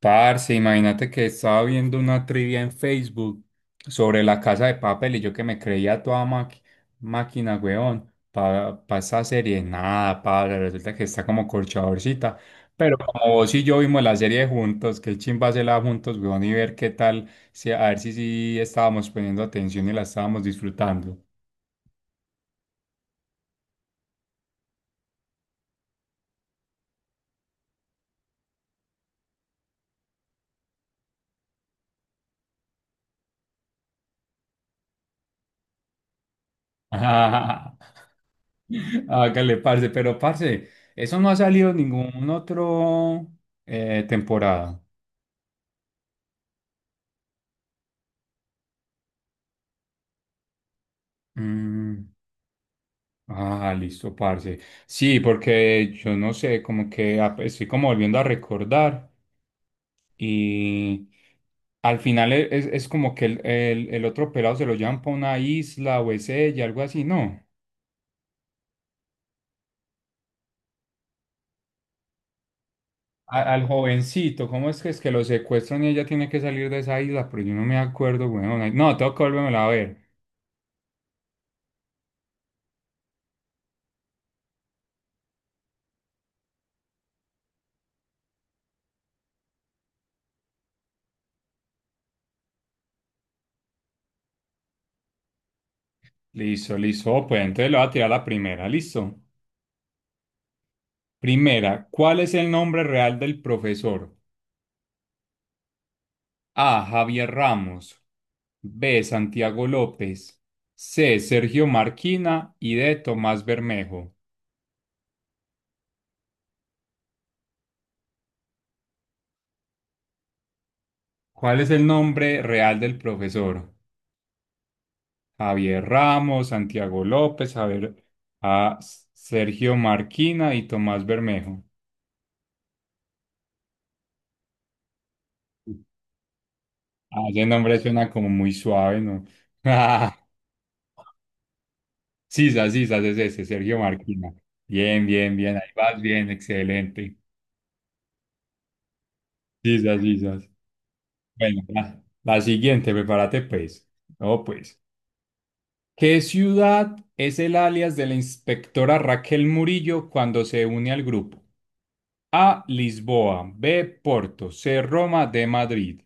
Parce, imagínate que estaba viendo una trivia en Facebook sobre la Casa de Papel y yo que me creía toda máquina, weón, para esa serie. Nada, padre, resulta que está como corchadorcita. Pero como vos y yo vimos la serie juntos, qué chimba hacerla juntos, weón, y ver qué tal, si, a ver si, sí estábamos poniendo atención y la estábamos disfrutando. Hágale, parce, pero parce, eso no ha salido en ningún otro temporada. Mm. Ah, listo, parce. Sí, porque yo no sé, como que estoy como volviendo a recordar y al final es como que el otro pelado se lo llevan para una isla o es ella, algo así, ¿no? Al jovencito, ¿cómo es que lo secuestran y ella tiene que salir de esa isla? Pero yo no me acuerdo, weón. No, tengo que volvérmela a ver. Listo, listo. Oh, pues entonces le voy a tirar la primera, listo. Primera, ¿cuál es el nombre real del profesor? A. Javier Ramos. B. Santiago López. C. Sergio Marquina y D. Tomás Bermejo. ¿Cuál es el nombre real del profesor? Javier Ramos, Santiago López, Javier, A. Sergio Marquina y Tomás Bermejo. Ah, ese nombre suena como muy suave, ¿no? Sisas, Sisas es ese, Sergio Marquina. Bien, bien, bien, ahí vas bien, excelente. Sisas, Sisas. Bueno, la siguiente, prepárate pues. No, pues. ¿Qué ciudad es el alias de la inspectora Raquel Murillo cuando se une al grupo? A, Lisboa, B, Porto, C, Roma, D, Madrid.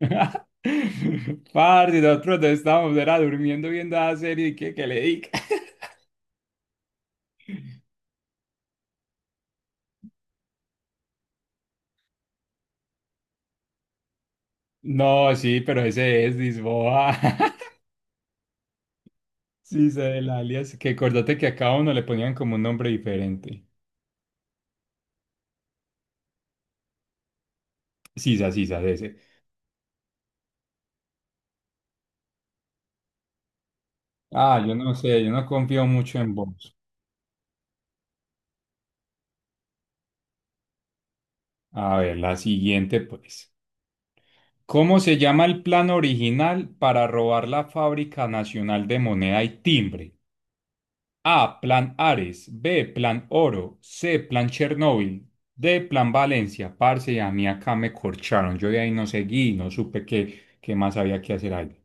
Parce, nosotros no estábamos, era durmiendo viendo la serie y que le diga. No, sí, pero ese es Lisboa. Sí, sé el alias. Que acordate que a cada uno le ponían como un nombre diferente. Sisa, Sisa, ese. Ah, yo no sé, yo no confío mucho en vos. A ver, la siguiente, pues. ¿Cómo se llama el plan original para robar la Fábrica Nacional de Moneda y Timbre? A, Plan Ares, B, Plan Oro, C, Plan Chernóbil, D, Plan Valencia. Parce, a mí acá me corcharon. Yo de ahí no seguí, no supe qué, qué más había que hacer ahí.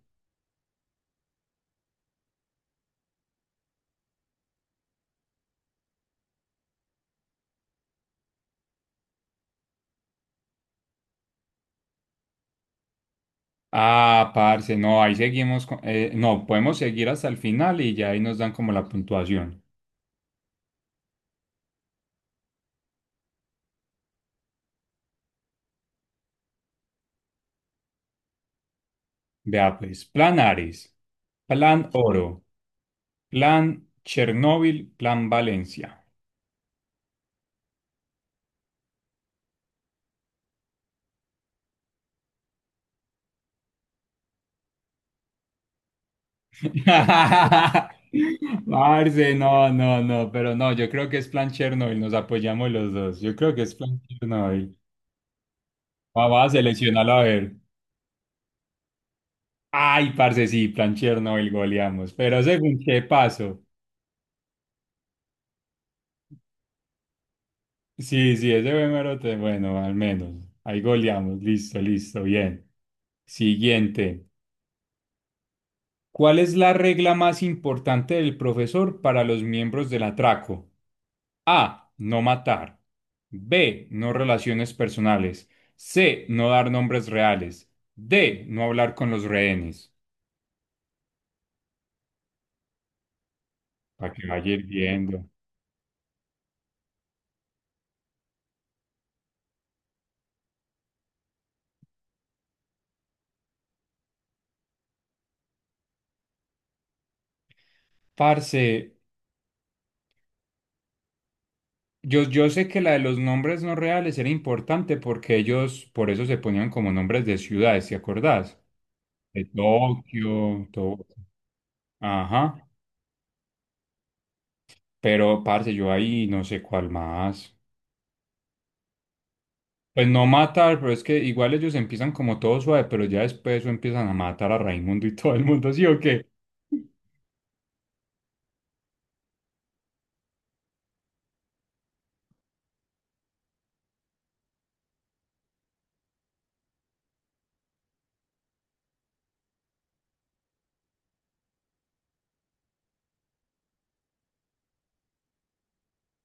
Ah, parce, no, ahí seguimos. No, podemos seguir hasta el final y ya ahí nos dan como la puntuación. Vea pues, Plan Ares, Plan Oro, Plan Chernóbil, Plan Valencia. Marce, no, no, no, pero no, yo creo que es Plan Chernóbil, nos apoyamos los dos. Yo creo que es Plan Chernóbil. Vamos a seleccionarlo a ver. Ay, parce, sí, Plan Chernóbil goleamos, pero según qué paso. Sí, sí, ese número, bueno, al menos. Ahí goleamos, listo, listo, bien. Siguiente. ¿Cuál es la regla más importante del profesor para los miembros del atraco? A. No matar. B. No relaciones personales. C. No dar nombres reales. D. No hablar con los rehenes. Para que vaya hirviendo. Parce, yo sé que la de los nombres no reales era importante porque ellos por eso se ponían como nombres de ciudades, ¿te acordás? De Tokio, todo. Ajá. Pero, parce, yo ahí no sé cuál más. Pues no matar, pero es que igual ellos empiezan como todo suave, pero ya después eso empiezan a matar a Raimundo y todo el mundo, ¿sí o qué?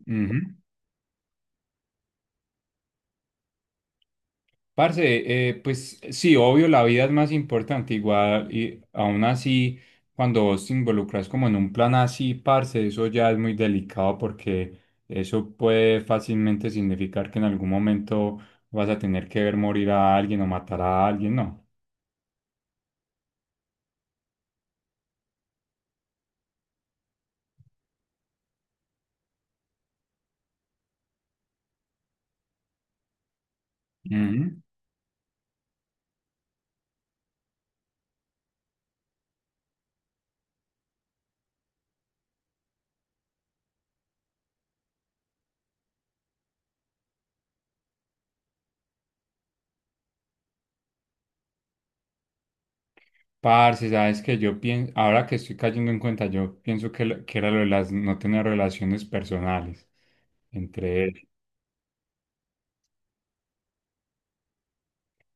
Ujú. Parce, pues sí, obvio, la vida es más importante, igual, y aún así, cuando vos te involucras como en un plan así, parce, eso ya es muy delicado porque eso puede fácilmente significar que en algún momento vas a tener que ver morir a alguien o matar a alguien, ¿no? Ujú. Parce, sabes que yo pienso, ahora que estoy cayendo en cuenta, yo pienso que, que era lo de las, no tener relaciones personales entre ellos.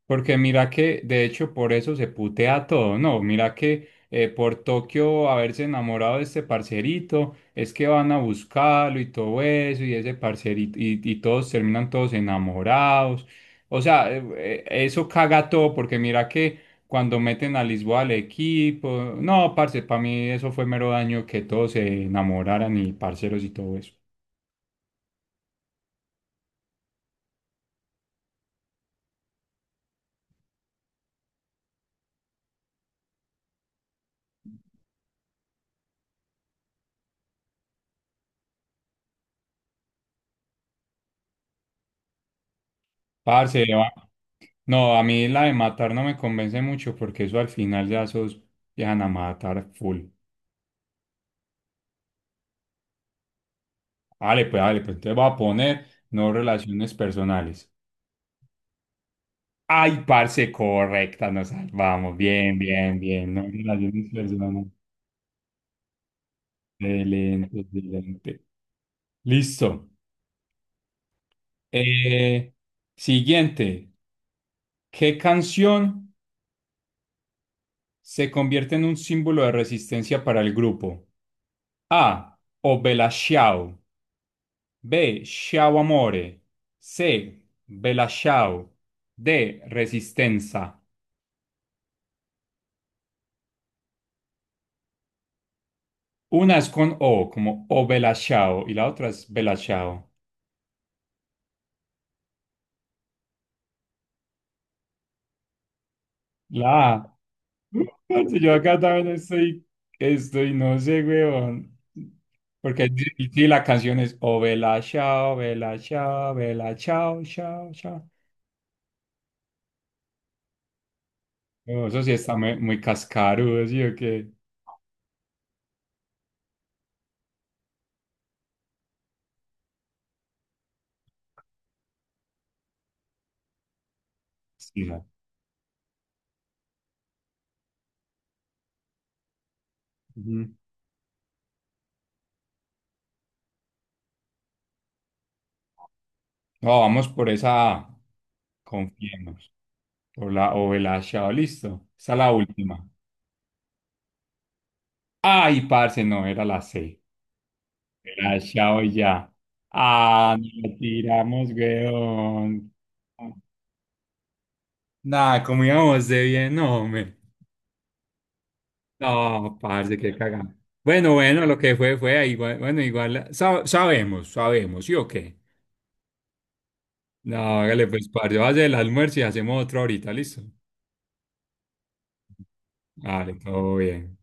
Porque mira que, de hecho, por eso se putea todo, ¿no? Mira que por Tokio haberse enamorado de este parcerito, es que van a buscarlo y todo eso, y ese parcerito, y todos terminan todos enamorados. O sea, eso caga todo, porque mira que cuando meten a Lisboa al equipo, no, parce, para mí eso fue mero daño que todos se enamoraran y parceros y todo eso. Parce, va- No, a mí la de matar no me convence mucho porque eso al final ya sos dejan a matar full. Dale pues entonces voy a poner no relaciones personales. Ay, parce, correcta, nos salvamos. Bien, bien, bien. No relaciones personales. Excelente, excelente. Listo. Eh, Siguiente. ¿Qué canción se convierte en un símbolo de resistencia para el grupo? A. Obela Xiao. B. Ciao amore. C. Bella ciao. D. Resistenza. Una es con O, como O bella ciao, y la otra es Bella ciao. La A. Parce, yo acá también estoy, no sé, weón. Porque es difícil, la canción es O bella ciao, bella ciao, bella ciao, ciao, ciao. No, eso sí está muy, muy cascarudo, ¿sí o qué? Sí, no. No, vamos por esa. Confiemos. Por la o el achado, listo. Esa es la última. Ay, parce, no, era la C. El achado ya. Ah, nos la tiramos, weón. Nada, como íbamos de bien, no, hombre. No, parce, qué cagada. Bueno, bueno, lo que fue, fue. Igual, bueno, igual sabemos, sabemos, ¿sí o qué? No, hágale pues, parce, va a hacer el almuerzo y hacemos otro ahorita, listo. Vale, todo bien.